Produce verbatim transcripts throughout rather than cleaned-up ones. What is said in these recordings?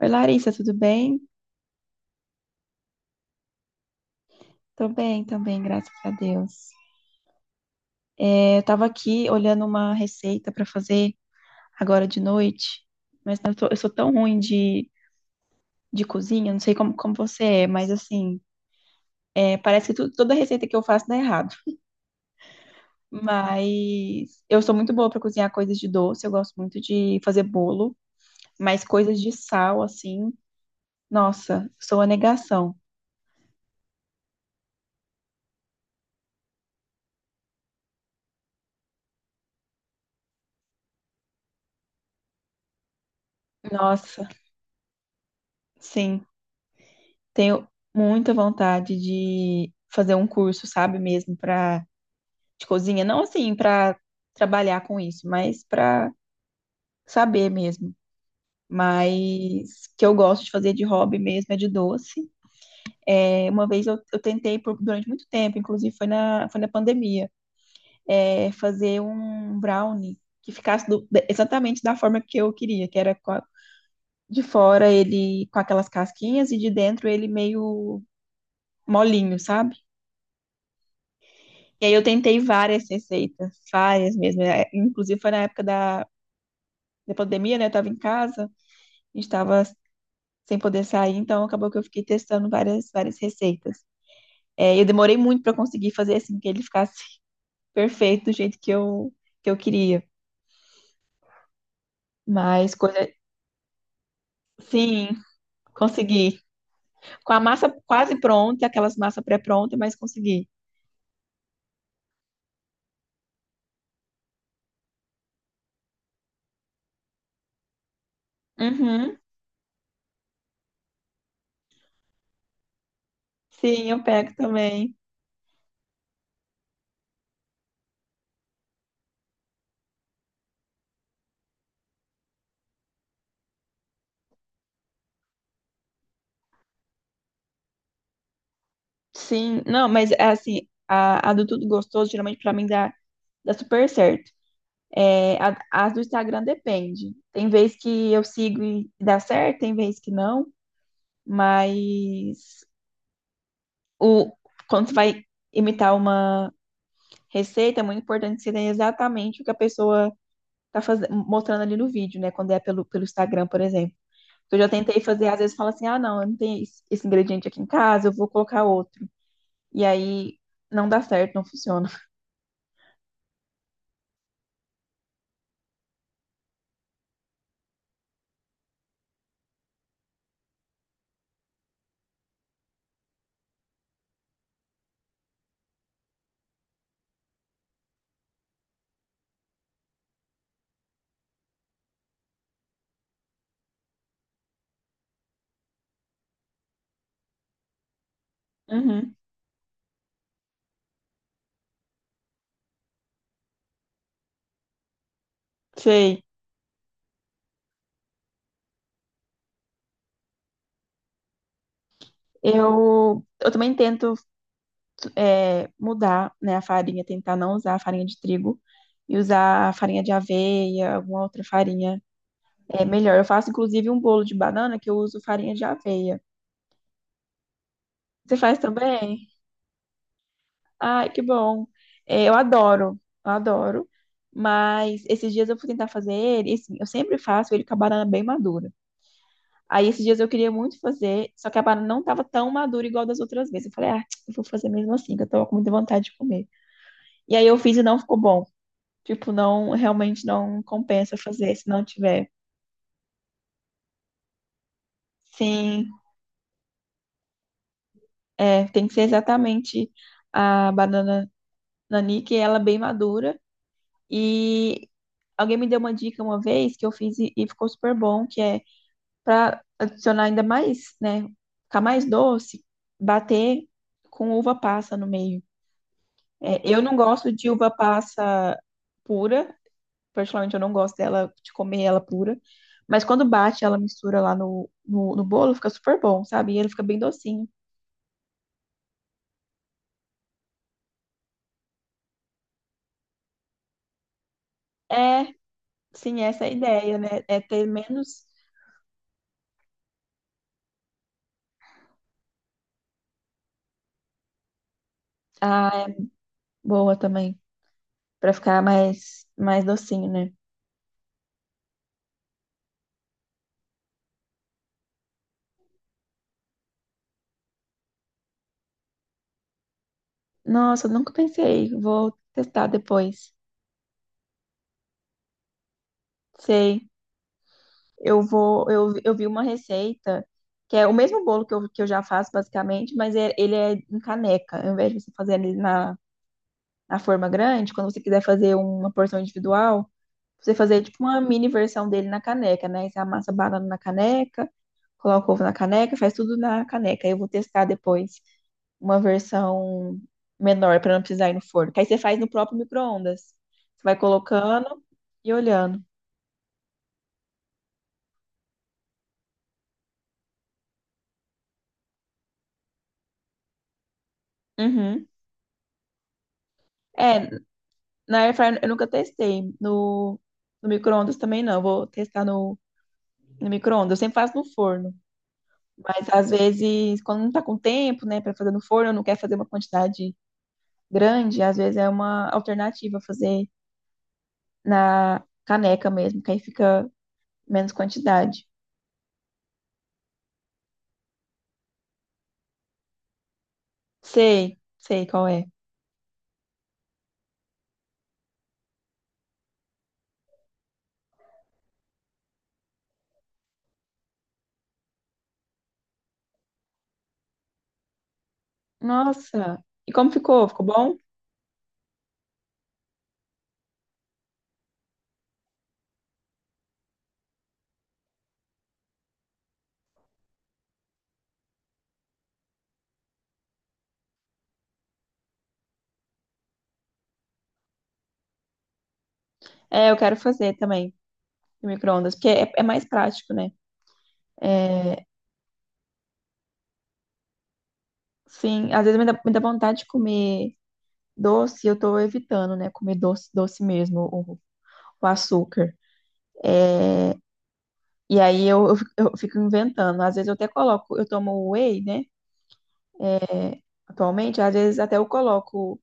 Oi, Larissa, tudo bem? Tô bem também, graças a Deus. É, eu tava aqui olhando uma receita pra fazer agora de noite, mas eu, tô- eu sou tão ruim de, de cozinha, não sei como, como você é, mas assim, é, parece que tu- toda receita que eu faço dá errado. Mas eu sou muito boa pra cozinhar coisas de doce, eu gosto muito de fazer bolo, mas coisas de sal, assim, nossa, sou a negação. Nossa, sim. Tenho muita vontade de fazer um curso, sabe, mesmo para de cozinha, não assim para trabalhar com isso, mas para saber mesmo. Mas que eu gosto de fazer de hobby mesmo é de doce. É, uma vez eu, eu tentei por- durante muito tempo, inclusive foi na, foi na pandemia, é, fazer um brownie que ficasse do- de- exatamente da forma que eu queria, que era com a- de fora ele com aquelas casquinhas e de dentro ele meio molinho, sabe? E aí eu tentei várias receitas, várias mesmo. É, inclusive foi na época da, da pandemia, né? Eu tava em casa, a gente tava sem poder sair, então acabou que eu fiquei testando várias, várias receitas. É, eu demorei muito para conseguir fazer assim, que ele ficasse perfeito do jeito que eu, que eu queria. Mas coisa. Sim, consegui. Com a massa quase pronta, aquelas massas pré-prontas, mas consegui. Uhum. Sim, eu pego também. Sim, não, mas é assim, a, a do tudo gostoso, geralmente pra mim dá, dá super certo. É, a- as do Instagram depende. Tem vez que eu sigo e dá certo, tem vez que não, mas o, quando você vai imitar uma receita, é muito importante você ter exatamente o que a pessoa tá fazendo, mostrando ali no vídeo, né? Quando é pelo, pelo Instagram, por exemplo. Eu já tentei fazer, às vezes fala assim, ah, não, eu não tenho esse, esse ingrediente aqui em casa, eu vou colocar outro. E aí não dá certo, não funciona. Uhum, sei. Eu, eu também tento é, mudar, né, a farinha, tentar não usar a farinha de trigo e usar a farinha de aveia, alguma outra farinha. É melhor. Eu faço, inclusive, um bolo de banana que eu uso farinha de aveia. Você faz também? Ai, que bom. É, eu adoro, eu adoro. Mas esses dias eu fui tentar fazer ele, e assim, eu sempre faço ele com a banana bem madura. Aí esses dias eu queria muito fazer, só que a banana não estava tão madura igual das outras vezes. Eu falei, ah, eu vou fazer mesmo assim, que eu tava com muita vontade de comer. E aí eu fiz e não ficou bom. Tipo, não, realmente não compensa fazer se não tiver. Sim, é, tem que ser exatamente a banana nanique, ela é bem madura. E alguém me deu uma dica uma vez que eu fiz e, e ficou super bom, que é para adicionar ainda mais, né, ficar mais doce, bater com uva passa no meio. É, eu não gosto de uva passa pura, particularmente eu não gosto dela, de comer ela pura. Mas quando bate, ela mistura lá no, no, no bolo, fica super bom, sabe? E ele fica bem docinho. É, sim, essa é a ideia, né? É ter menos. Ah, é boa também. Pra ficar mais, mais docinho, né? Nossa, eu nunca pensei. Vou testar depois. Sei. Eu vou. Eu, eu vi uma receita que é o mesmo bolo que eu, que eu já faço, basicamente, mas é- ele é em caneca. Ao invés de você fazer ele na, na forma grande, quando você quiser fazer uma porção individual, você fazer tipo uma mini versão dele na caneca, né? Você amassa a banana na caneca, coloca o ovo na caneca, faz tudo na caneca. Eu vou testar depois uma versão menor para não precisar ir no forno. Que aí você faz no próprio micro-ondas. Você vai colocando e olhando. Uhum. É, na air fryer eu nunca testei. No, no micro-ondas também não. Eu vou testar no, no micro-ondas. Eu sempre faço no forno. Mas às vezes, quando não está com tempo, né, para fazer no forno, não quer fazer uma quantidade grande, às vezes é uma alternativa fazer na caneca mesmo, que aí fica menos quantidade. Sei, sei qual é. Nossa, e como ficou? Ficou bom? É, eu quero fazer também no micro-ondas, porque é, é mais prático, né? É, sim, às vezes me dá, me dá vontade de comer doce, eu tô evitando, né, comer doce, doce mesmo, o, o açúcar. É, e aí eu, eu fico eu fico inventando. Às vezes eu até coloco, eu tomo whey, né? É, atualmente, às vezes até eu coloco,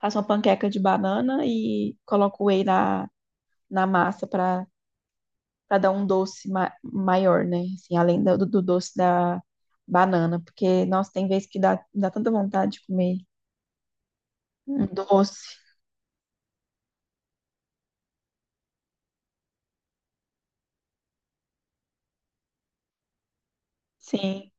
faço uma panqueca de banana e coloco whey na, na massa para para dar um doce ma maior, né? Assim, além do, do doce da banana, porque, nossa, tem vezes que dá, dá tanta vontade de comer um doce. Sim,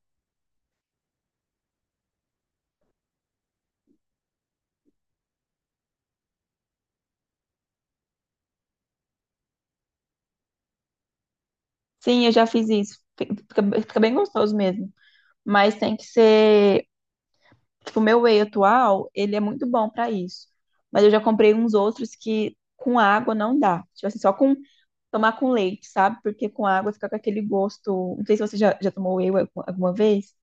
sim, eu já fiz isso. Fica, fica bem gostoso mesmo. Mas tem que ser. Tipo, o meu whey atual, ele é muito bom pra isso. Mas eu já comprei uns outros que com água não dá. Tipo assim, só com tomar com leite, sabe? Porque com água fica com aquele gosto. Não sei se você já, já tomou whey alguma vez,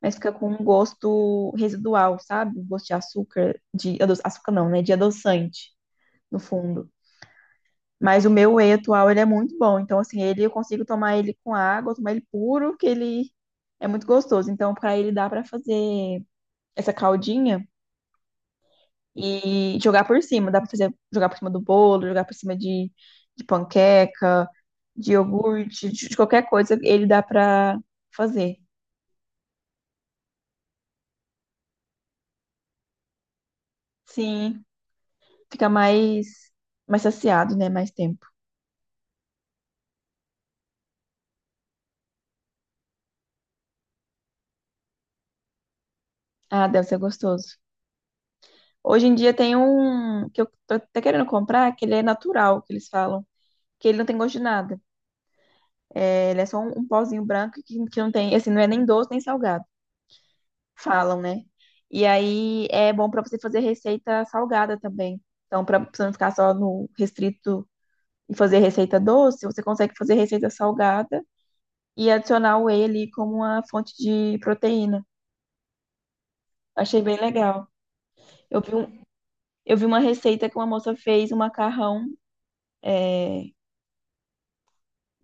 mas fica com um gosto residual, sabe? Um gosto de açúcar, de ado- açúcar não, né? De adoçante, no fundo. Mas o meu whey atual, ele é muito bom. Então, assim, ele eu consigo tomar ele com água, tomar ele puro, que ele é muito gostoso. Então, pra ele dá pra fazer essa caldinha e jogar por cima. Dá pra fazer jogar por cima do bolo, jogar por cima de, de panqueca, de iogurte, de, de qualquer coisa, ele dá pra fazer. Sim, fica mais, mais saciado, né? Mais tempo. Ah, deve ser gostoso. Hoje em dia tem um que eu tô até querendo comprar, que ele é natural, que eles falam, que ele não tem gosto de nada. É, ele é só um, um pozinho branco que, que não tem, assim, não é nem doce nem salgado. Falam, né? E aí é bom para você fazer receita salgada também. Então, para você não ficar só no restrito e fazer receita doce, você consegue fazer receita salgada e adicionar o whey ali como uma fonte de proteína. Achei bem legal. Eu vi, um- eu vi uma receita que uma moça fez um macarrão é,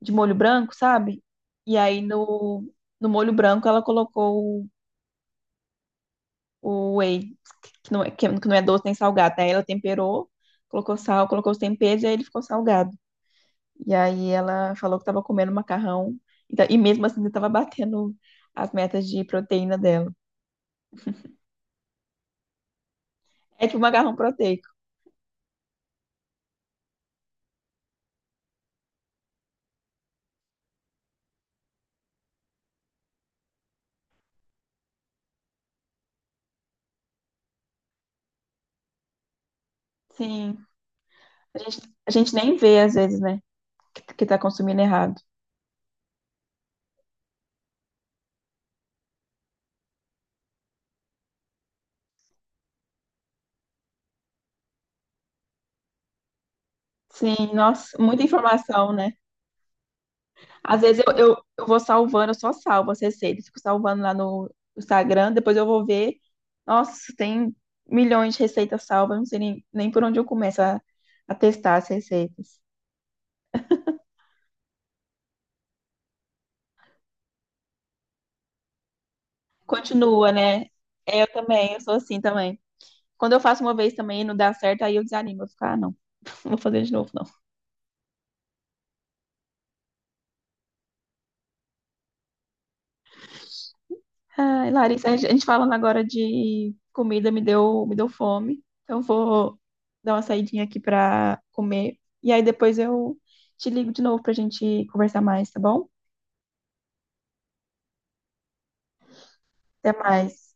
de molho branco, sabe? E aí no, no molho branco ela colocou o, o whey, que não, é, que não é doce nem salgado, né? Ela temperou, colocou sal, colocou os temperos e aí ele ficou salgado. E aí ela falou que estava comendo macarrão. Então, e mesmo assim, estava batendo as metas de proteína dela. É tipo macarrão proteico. Sim. A gente, a gente nem vê, às vezes, né? Que, que tá consumindo errado. Sim, nossa, muita informação, né? Às vezes eu, eu, eu vou salvando, eu só salvo as receitas, fico salvando lá no Instagram, depois eu vou ver. Nossa, tem milhões de receitas salvas, eu não sei nem, nem por onde eu começo a, a testar as receitas. Continua, né? É, eu também, eu sou assim também. Quando eu faço uma vez também e não dá certo, aí eu desanimo. Eu fico, ah, não, não vou fazer de novo, não. Ai, Larissa, a gente falando agora de comida me deu, me deu fome. Então eu vou dar uma saidinha aqui pra comer. E aí depois eu te ligo de novo pra gente conversar mais, tá bom? Até mais.